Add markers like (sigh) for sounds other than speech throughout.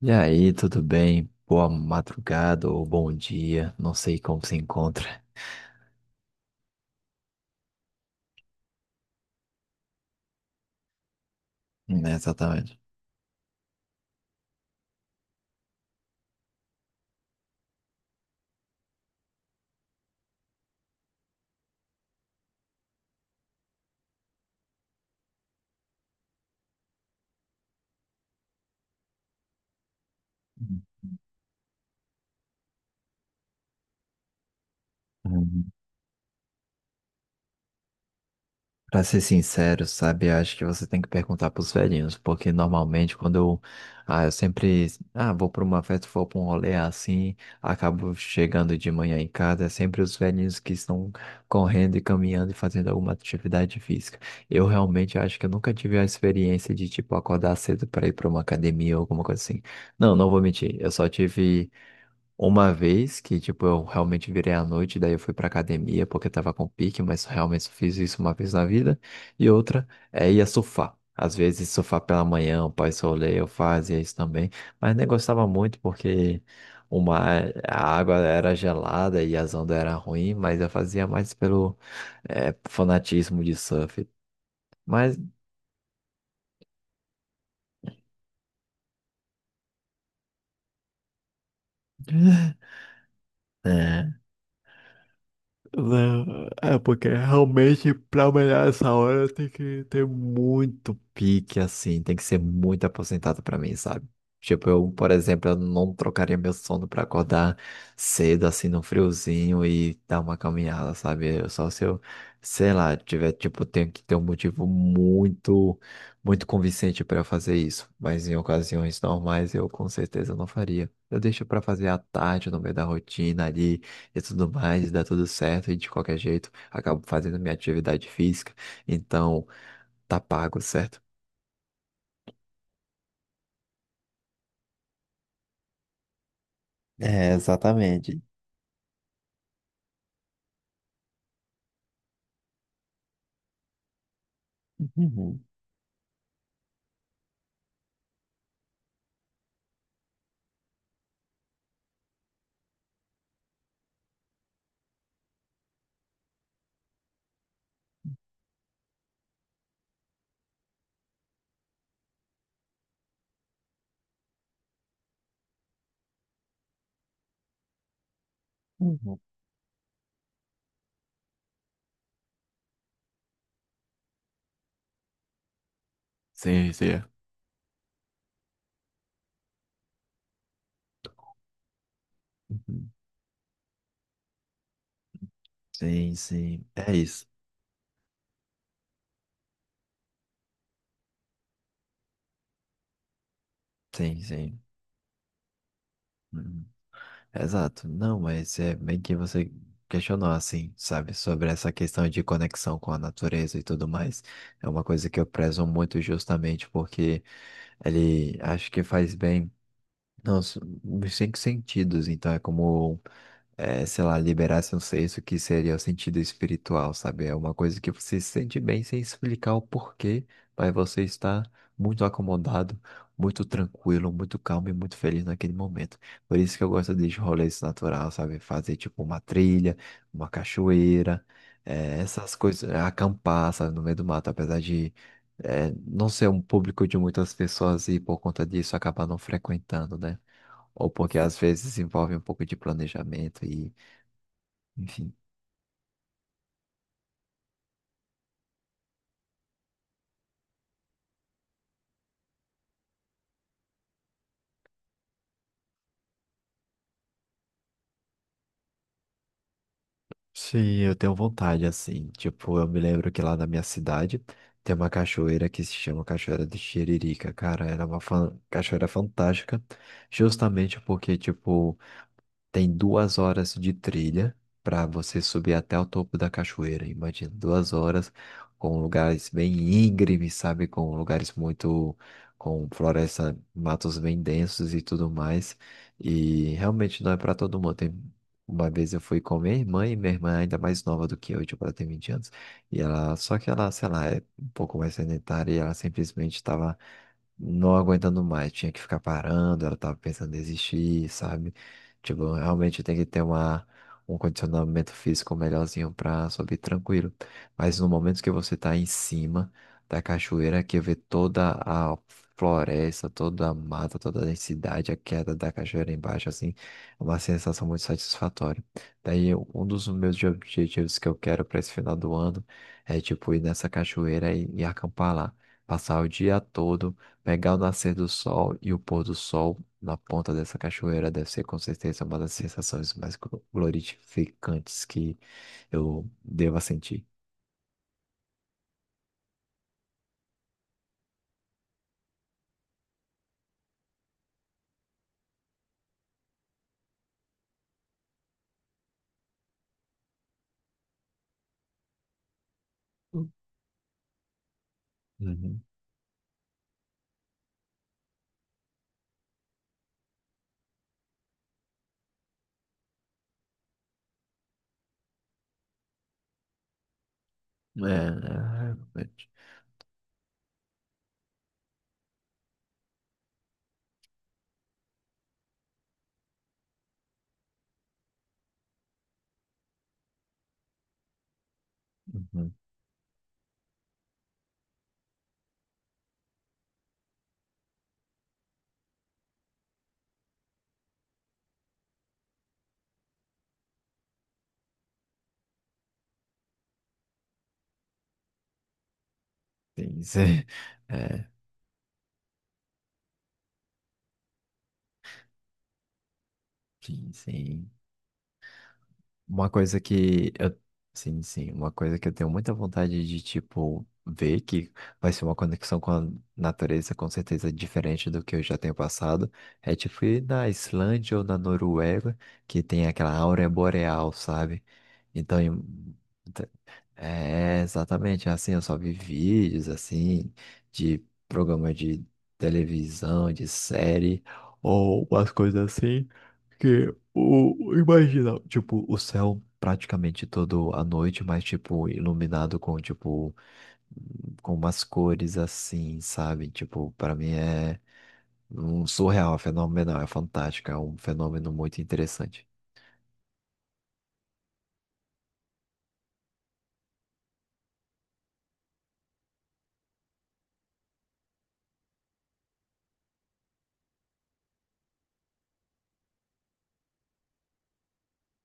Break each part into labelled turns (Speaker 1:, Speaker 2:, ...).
Speaker 1: E aí, tudo bem? Boa madrugada ou bom dia, não sei como se encontra. Né, exatamente. Uhum. Pra ser sincero, sabe, eu acho que você tem que perguntar pros velhinhos, porque normalmente quando eu, eu sempre, vou pra uma festa, vou pra um rolê assim, acabo chegando de manhã em casa, é sempre os velhinhos que estão correndo e caminhando e fazendo alguma atividade física. Eu realmente acho que eu nunca tive a experiência de, tipo, acordar cedo pra ir pra uma academia ou alguma coisa assim. Não, não vou mentir, eu só tive uma vez que, tipo, eu realmente virei à noite, daí eu fui pra academia porque tava com pique, mas realmente só fiz isso uma vez na vida. E outra é ia surfar. Às vezes surfar pela manhã, o pai solê, eu fazia isso também. Mas nem gostava muito porque uma, a água era gelada e as ondas eram ruins, mas eu fazia mais pelo fanatismo de surf. Mas eh, Não, é porque realmente pra melhorar essa hora tem que ter muito pique, assim, tem que ser muito aposentado pra mim, sabe? Tipo, eu, por exemplo, eu não trocaria meu sono pra acordar cedo, assim, no friozinho e dar uma caminhada, sabe? Eu só se eu, sei lá, tiver, tipo, tenho que ter um motivo muito, muito convincente pra eu fazer isso. Mas em ocasiões normais eu com certeza não faria. Eu deixo pra fazer à tarde, no meio da rotina ali e tudo mais, dá tudo certo e de qualquer jeito acabo fazendo minha atividade física, então tá pago, certo? É, exatamente. Uhum, uhum. Sim, sim. Uhum. Sim, sim. É isso. Sim, sim. Uhum. Exato. Não, mas é bem que você questionou, assim, sabe, sobre essa questão de conexão com a natureza e tudo mais. É uma coisa que eu prezo muito justamente porque ele acho que faz bem, não, s- nos cinco sentidos. Então é como sei lá, liberasse um senso que seria o sentido espiritual, sabe? É uma coisa que você se sente bem sem explicar o porquê, mas você está muito acomodado, muito tranquilo, muito calmo e muito feliz naquele momento. Por isso que eu gosto de rolês natural, sabe? Fazer tipo uma trilha, uma cachoeira, é, essas coisas, é, acampar, sabe, no meio do mato, apesar de não ser um público de muitas pessoas e por conta disso acabar não frequentando, né? Ou porque às vezes envolve um pouco de planejamento e enfim. Sim, eu tenho vontade, assim. Tipo, eu me lembro que lá na minha cidade tem uma cachoeira que se chama Cachoeira de Xeririca. Cara, era uma cachoeira fantástica, justamente porque, tipo, tem 2 horas de trilha para você subir até o topo da cachoeira. Imagina, 2 horas com lugares bem íngremes, sabe? Com lugares muito, com floresta, matos bem densos e tudo mais. E realmente não é para todo mundo. Uma vez eu fui com minha irmã, e minha irmã é ainda mais nova do que eu, tipo, ela tem 20 anos. E ela, só que ela, sei lá, é um pouco mais sedentária e ela simplesmente estava não aguentando mais, tinha que ficar parando, ela tava pensando em desistir, sabe? Tipo, realmente tem que ter uma, um condicionamento físico melhorzinho pra subir tranquilo. Mas no momento que você tá em cima da cachoeira, que vê toda a floresta, toda a mata, toda a densidade, a queda da cachoeira embaixo, assim, é uma sensação muito satisfatória. Daí, um dos meus objetivos que eu quero para esse final do ano é, tipo, ir nessa cachoeira e acampar lá. Passar o dia todo, pegar o nascer do sol e o pôr do sol na ponta dessa cachoeira deve ser com certeza uma das sensações mais glorificantes que eu deva sentir. Hum. Uhum. É, é, realmente. Uhum. Sim, sim. (laughs) É, sim, sim. Uma coisa que eu. Sim, sim. Uma coisa que eu tenho muita vontade de, tipo, ver que vai ser uma conexão com a natureza, com certeza diferente do que eu já tenho passado. É tipo ir na Islândia ou na Noruega, que tem aquela áurea boreal, sabe? Então, é, exatamente, assim, eu só vi vídeos, assim, de programa de televisão, de série, ou umas coisas assim, que, o, imagina, tipo, o céu praticamente todo a noite, mas, tipo, iluminado com, tipo, com umas cores assim, sabe? Tipo, para mim é um surreal, é fenomenal, é fantástico, é um fenômeno muito interessante.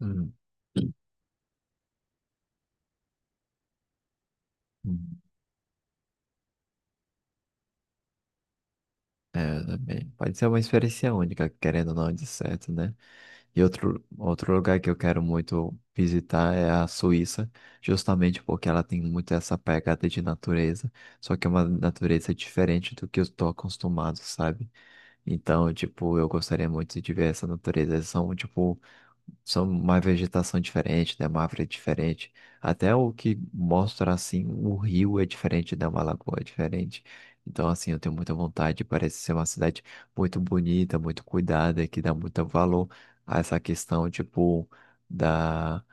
Speaker 1: Hum. Hum. Também. Pode ser uma experiência única, querendo ou não, de certo, né? E outro lugar que eu quero muito visitar é a Suíça, justamente porque ela tem muito essa pegada de natureza, só que é uma natureza diferente do que eu estou acostumado, sabe? Então, tipo, eu gostaria muito de ver essa natureza. São, tipo, são uma vegetação diferente, né? Uma árvore diferente. Até o que mostra assim, o rio é diferente, né? Uma lagoa é diferente. Então, assim, eu tenho muita vontade. Parece ser uma cidade muito bonita, muito cuidada, que dá muito valor a essa questão, tipo, da.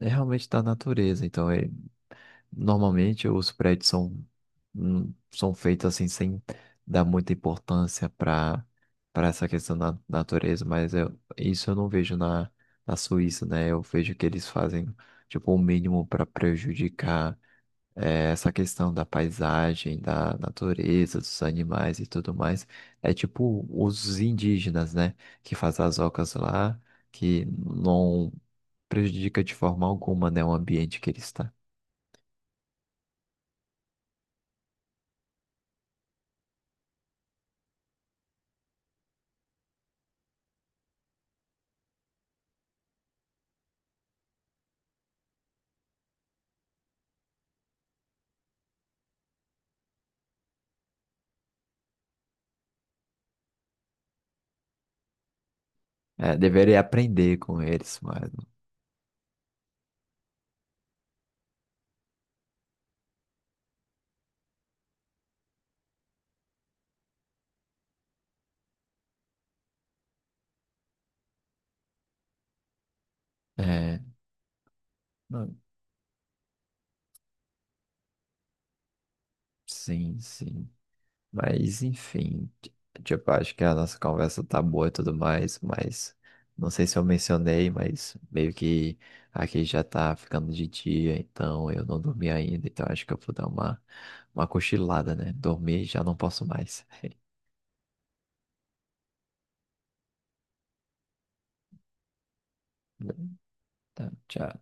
Speaker 1: É realmente da natureza. Então, é normalmente os prédios são, são feitos assim sem dar muita importância para essa questão da natureza, mas eu, isso eu não vejo na, na Suíça, né? Eu vejo que eles fazem tipo o mínimo para prejudicar essa questão da paisagem, da natureza, dos animais e tudo mais. É tipo os indígenas, né? Que fazem as ocas lá, que não prejudica de forma alguma, né, o ambiente que ele está. É, deveria aprender com eles, mano. É, não, sim, sim. Mas, enfim, tipo, acho que a nossa conversa tá boa e tudo mais, mas não sei se eu mencionei, mas meio que aqui já tá ficando de dia, então eu não dormi ainda, então acho que eu vou dar uma cochilada, né? Dormir já não posso mais. (laughs) Tá, tchau.